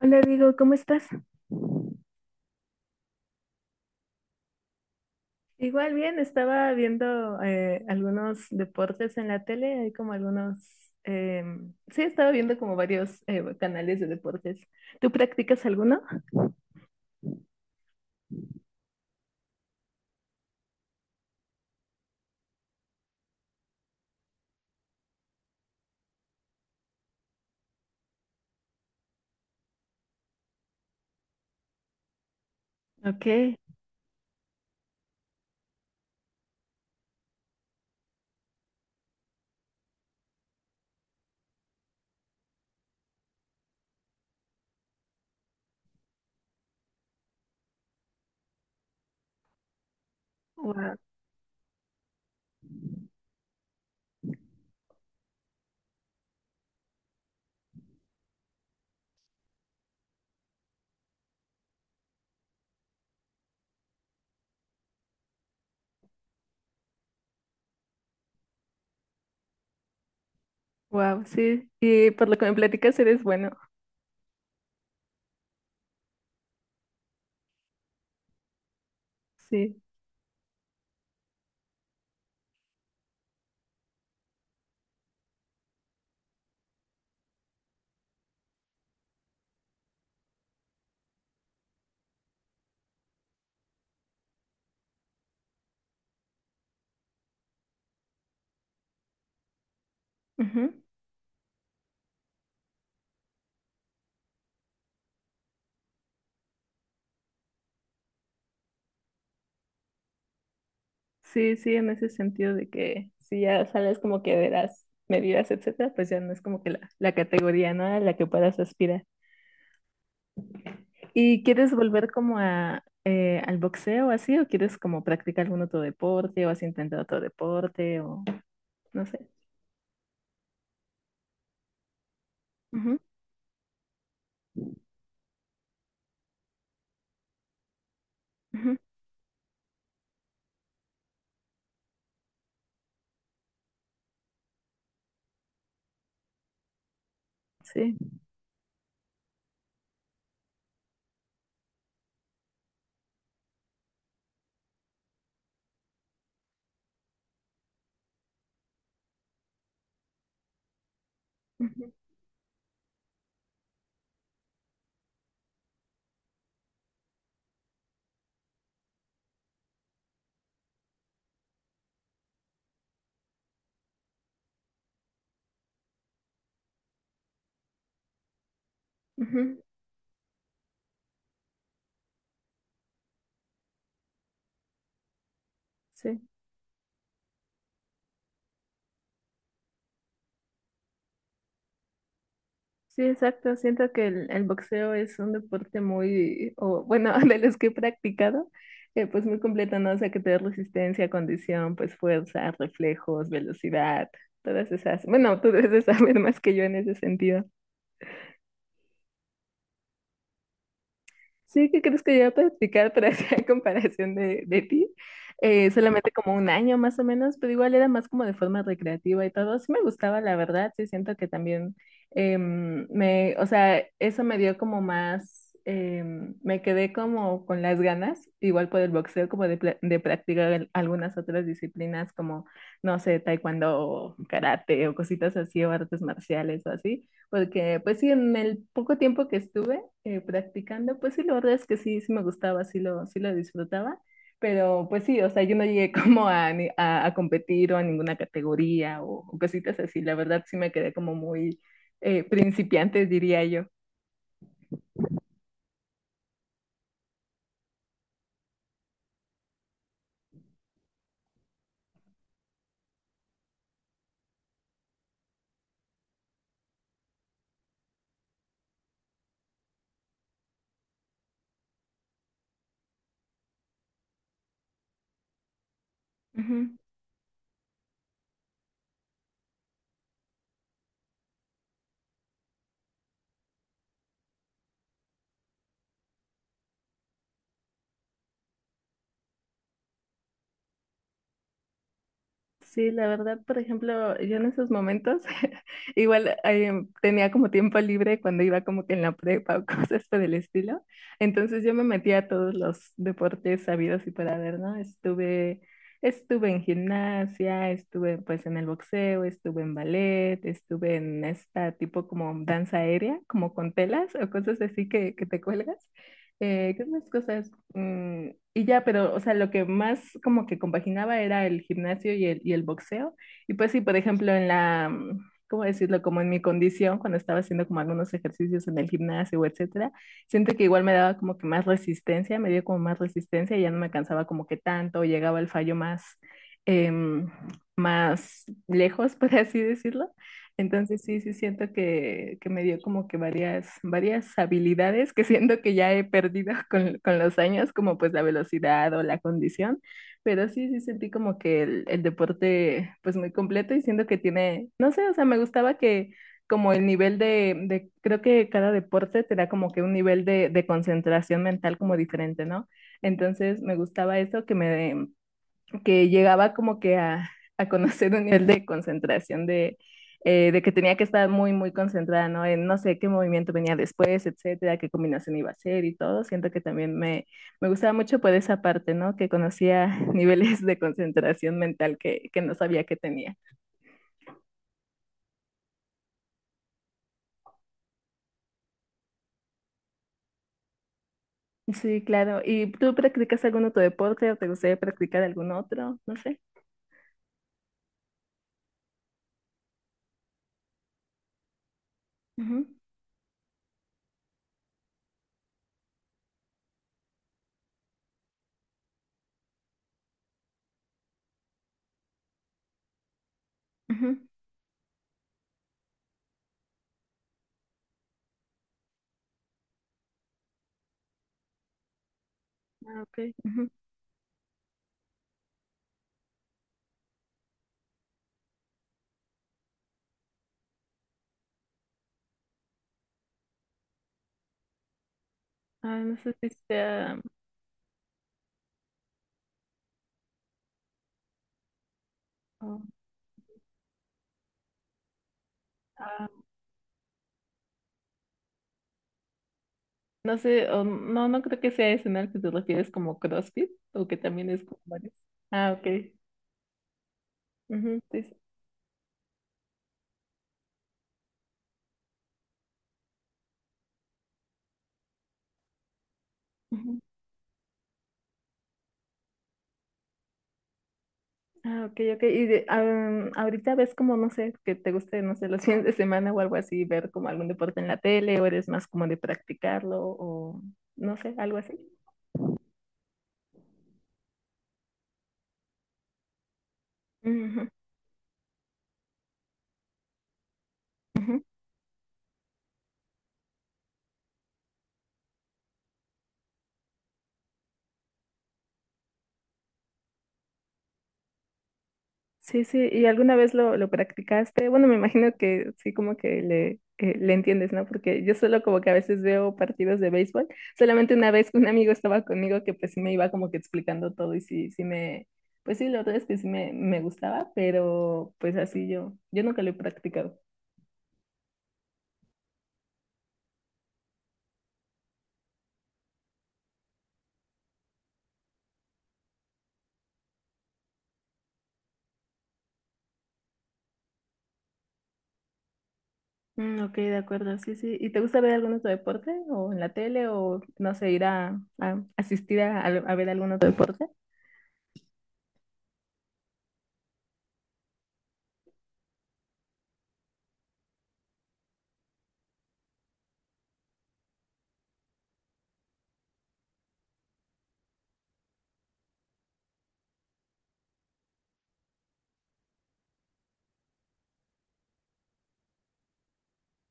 Hola, Diego, ¿cómo estás? Igual bien, estaba viendo algunos deportes en la tele, hay como algunos, eh, sí, estaba viendo como varios canales de deportes. ¿Tú practicas alguno? Ok, wow, wow, sí, y por lo que me platicas eres bueno, sí. Ujú. Sí, sí, en ese sentido de que si ya sales como que de las medidas, etcétera, pues ya no es como que la categoría, ¿no? A la que puedas aspirar. ¿Y quieres volver como al boxeo así o quieres como practicar algún otro deporte o has intentado otro deporte o no sé? Ujú, ujú, sí, ujú, ujú, sí. Sí, exacto. Siento que el boxeo es un deporte muy, o bueno, de los que he practicado, pues muy completo, ¿no? O sea, que te da resistencia, condición, pues fuerza, reflejos, velocidad, todas esas. Bueno, tú debes de saber más que yo en ese sentido. Sí, ¿qué crees que yo iba a practicar para hacer comparación de ti? Solamente como un año más o menos, pero igual era más como de forma recreativa y todo. Sí me gustaba, la verdad, sí siento que también me, o sea, eso me dio como más, me quedé como con las ganas, igual por el boxeo, como de, de practicar algunas otras disciplinas como, no sé, taekwondo o karate o cositas así o artes marciales o así, porque pues sí, en el poco tiempo que estuve, practicando, pues sí, la verdad es que sí, sí me gustaba, sí lo disfrutaba, pero pues sí, o sea, yo no llegué como a, a competir o a ninguna categoría o cositas así, la verdad sí me quedé como muy principiante, diría yo. Ujú. Sí, la verdad, por ejemplo, yo en esos momentos igual tenía como tiempo libre cuando iba como que en la prepa o cosas por el estilo. Entonces yo me metía a todos los deportes sabidos y por haber, ¿no? Estuve, estuve en gimnasia, estuve pues en el boxeo, estuve en ballet, estuve en esta tipo como danza aérea, como con telas o cosas así que te cuelgas. ¿Qué más cosas? Mm, y ya, pero, o sea, lo que más como que compaginaba era el gimnasio y el boxeo. Y pues sí, por ejemplo, en la, mm, ¿cómo decirlo? Como en mi condición, cuando estaba haciendo como algunos ejercicios en el gimnasio, etcétera, siento que igual me daba como que más resistencia, me dio como más resistencia y ya no me cansaba como que tanto, llegaba el fallo más, em, más lejos, por así decirlo. Entonces sí, sí siento que me dio como que varias, varias habilidades que siento que ya he perdido con los años, como pues la velocidad o la condición, pero sí, sí sentí como que el deporte pues muy completo y siento que tiene, no sé, o sea, me gustaba que como el nivel de creo que cada deporte te da como que un nivel de concentración mental como diferente, ¿no? Entonces me gustaba eso que me, que llegaba como que a conocer un nivel de concentración de que tenía que estar muy, muy concentrada, ¿no? En no sé qué movimiento venía después, etcétera, qué combinación iba a ser y todo. Siento que también me gustaba mucho por esa parte, ¿no? Que conocía niveles de concentración mental que no sabía que tenía. Sí, claro. ¿Y tú practicas algún otro deporte o te gustaría practicar algún otro? No sé. Ujú, ujú, Ah, ok. ujú. Ah, no sé si sea No sé, o no, no creo que sea ese en el que te refieres como CrossFit, o que también es como varios. Ah, ok. Ujú, sí, sí. Ujú. Ah, ok, ok. Y am, ahorita ves como, no sé, que te guste, no sé, los fines de semana o algo así, ver como algún deporte en la tele, o eres más como de practicarlo, o no sé, algo así. Ujú, ujú. Sí, sí, ¿y alguna vez lo practicaste? Bueno, me imagino que sí, como que le, le entiendes, ¿no? Porque yo solo como que a veces veo partidos de béisbol. Solamente una vez un amigo estaba conmigo que pues sí me iba como que explicando todo y sí, sí me, pues sí, la verdad es que sí me gustaba, pero pues así yo, yo nunca lo he practicado. Mm, ok, de acuerdo, sí, sí. ¿Y te gusta ver algún otro deporte? ¿O en la tele? ¿O no sé, ir a asistir a ver algún otro deporte?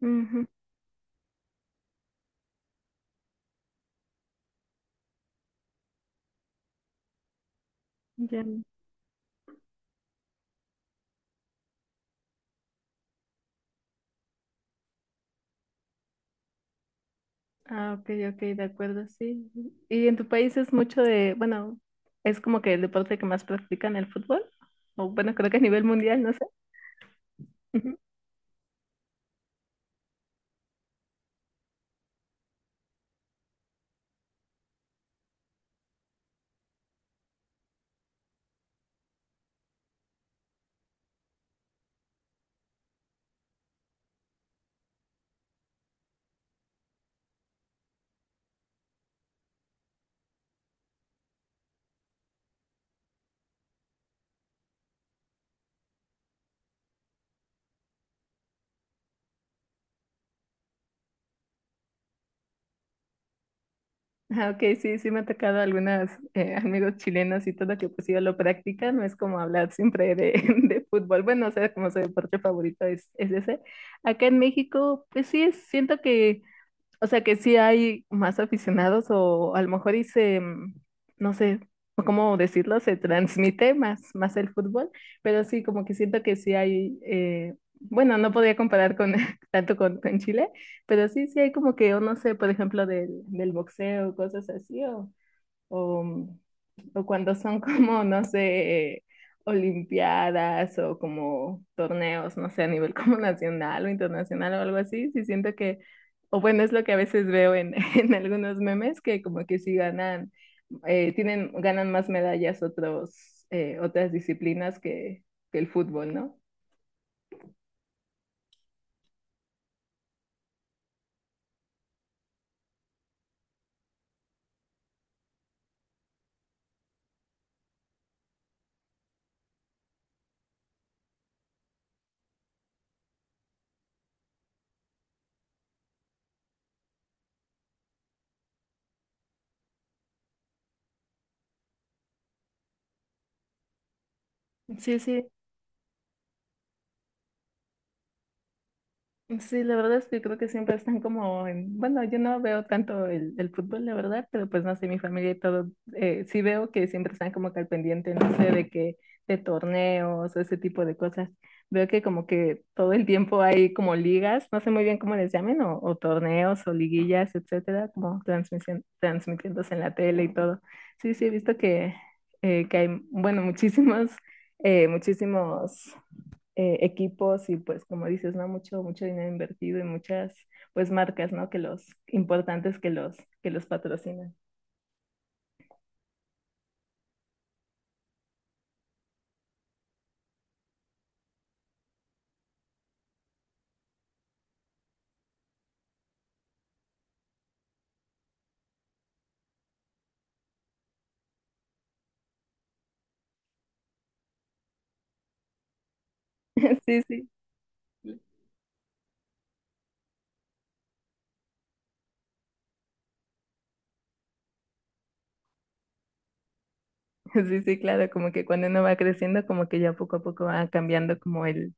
Ujú, ya. Ah, ok, ok, de acuerdo, sí. ¿Y en tu país es mucho de, bueno, es como que el deporte que más practican el fútbol? O bueno, creo que a nivel mundial, no sé. Ujú. Ah, ok, sí, sí me ha tocado algunos amigos chilenos y todo que pues yo lo practican, no es como hablar siempre de, de fútbol, bueno, o sea, como su deporte favorito es ese. Acá en México, pues sí, siento que O sea que sí hay más aficionados o a lo mejor y se, mm, no sé cómo decirlo, se transmite más, más el fútbol, pero sí, como que siento que sí hay, bueno, no podría comparar con tanto con Chile, pero sí, sí hay como que, o no sé, por ejemplo, del, del boxeo, cosas así, o, mm, o cuando son como, no sé, olimpiadas o como torneos, no sé, a nivel como nacional o internacional o algo así, sí siento que, o bueno, es lo que a veces veo en, en algunos memes, que como que sí ganan, tienen, ganan más medallas otros, otras disciplinas que el fútbol, ¿no? Sí, sí, Sí, la verdad es que creo que siempre están como en, bueno, yo no veo tanto el fútbol, la verdad, pero pues no sé, mi familia y todo, sí veo que siempre están como que al pendiente, no sé, de que, de torneos o ese tipo de cosas. Veo que como que todo el tiempo hay como ligas, no sé muy bien cómo les llamen, o torneos o liguillas, etcétera, como transmisión, transmitiéndose en la tele y todo. Sí, sí, he visto que hay, bueno, muchísimos, muchísimos equipos y pues como dices, ¿no? Mucho, mucho dinero invertido y muchas pues marcas, ¿no? Que los importantes que los patrocinan. Sí, sí, sí, sí, claro, como que cuando uno va creciendo, como que ya poco a poco va cambiando como el,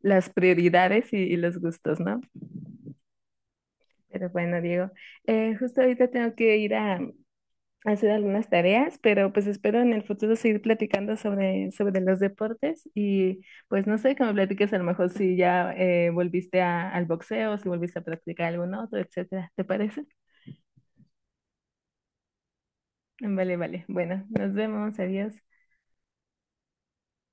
las prioridades y los gustos, ¿no? Pero bueno, Diego, justo ahorita tengo que ir a, hacer algunas tareas, pero pues espero en el futuro seguir platicando sobre, sobre los deportes y pues no sé, que me platiques a lo mejor si ya volviste al boxeo, si volviste a practicar algún otro, etcétera. ¿Te parece? Vale, vale. Bueno, nos vemos. Adiós.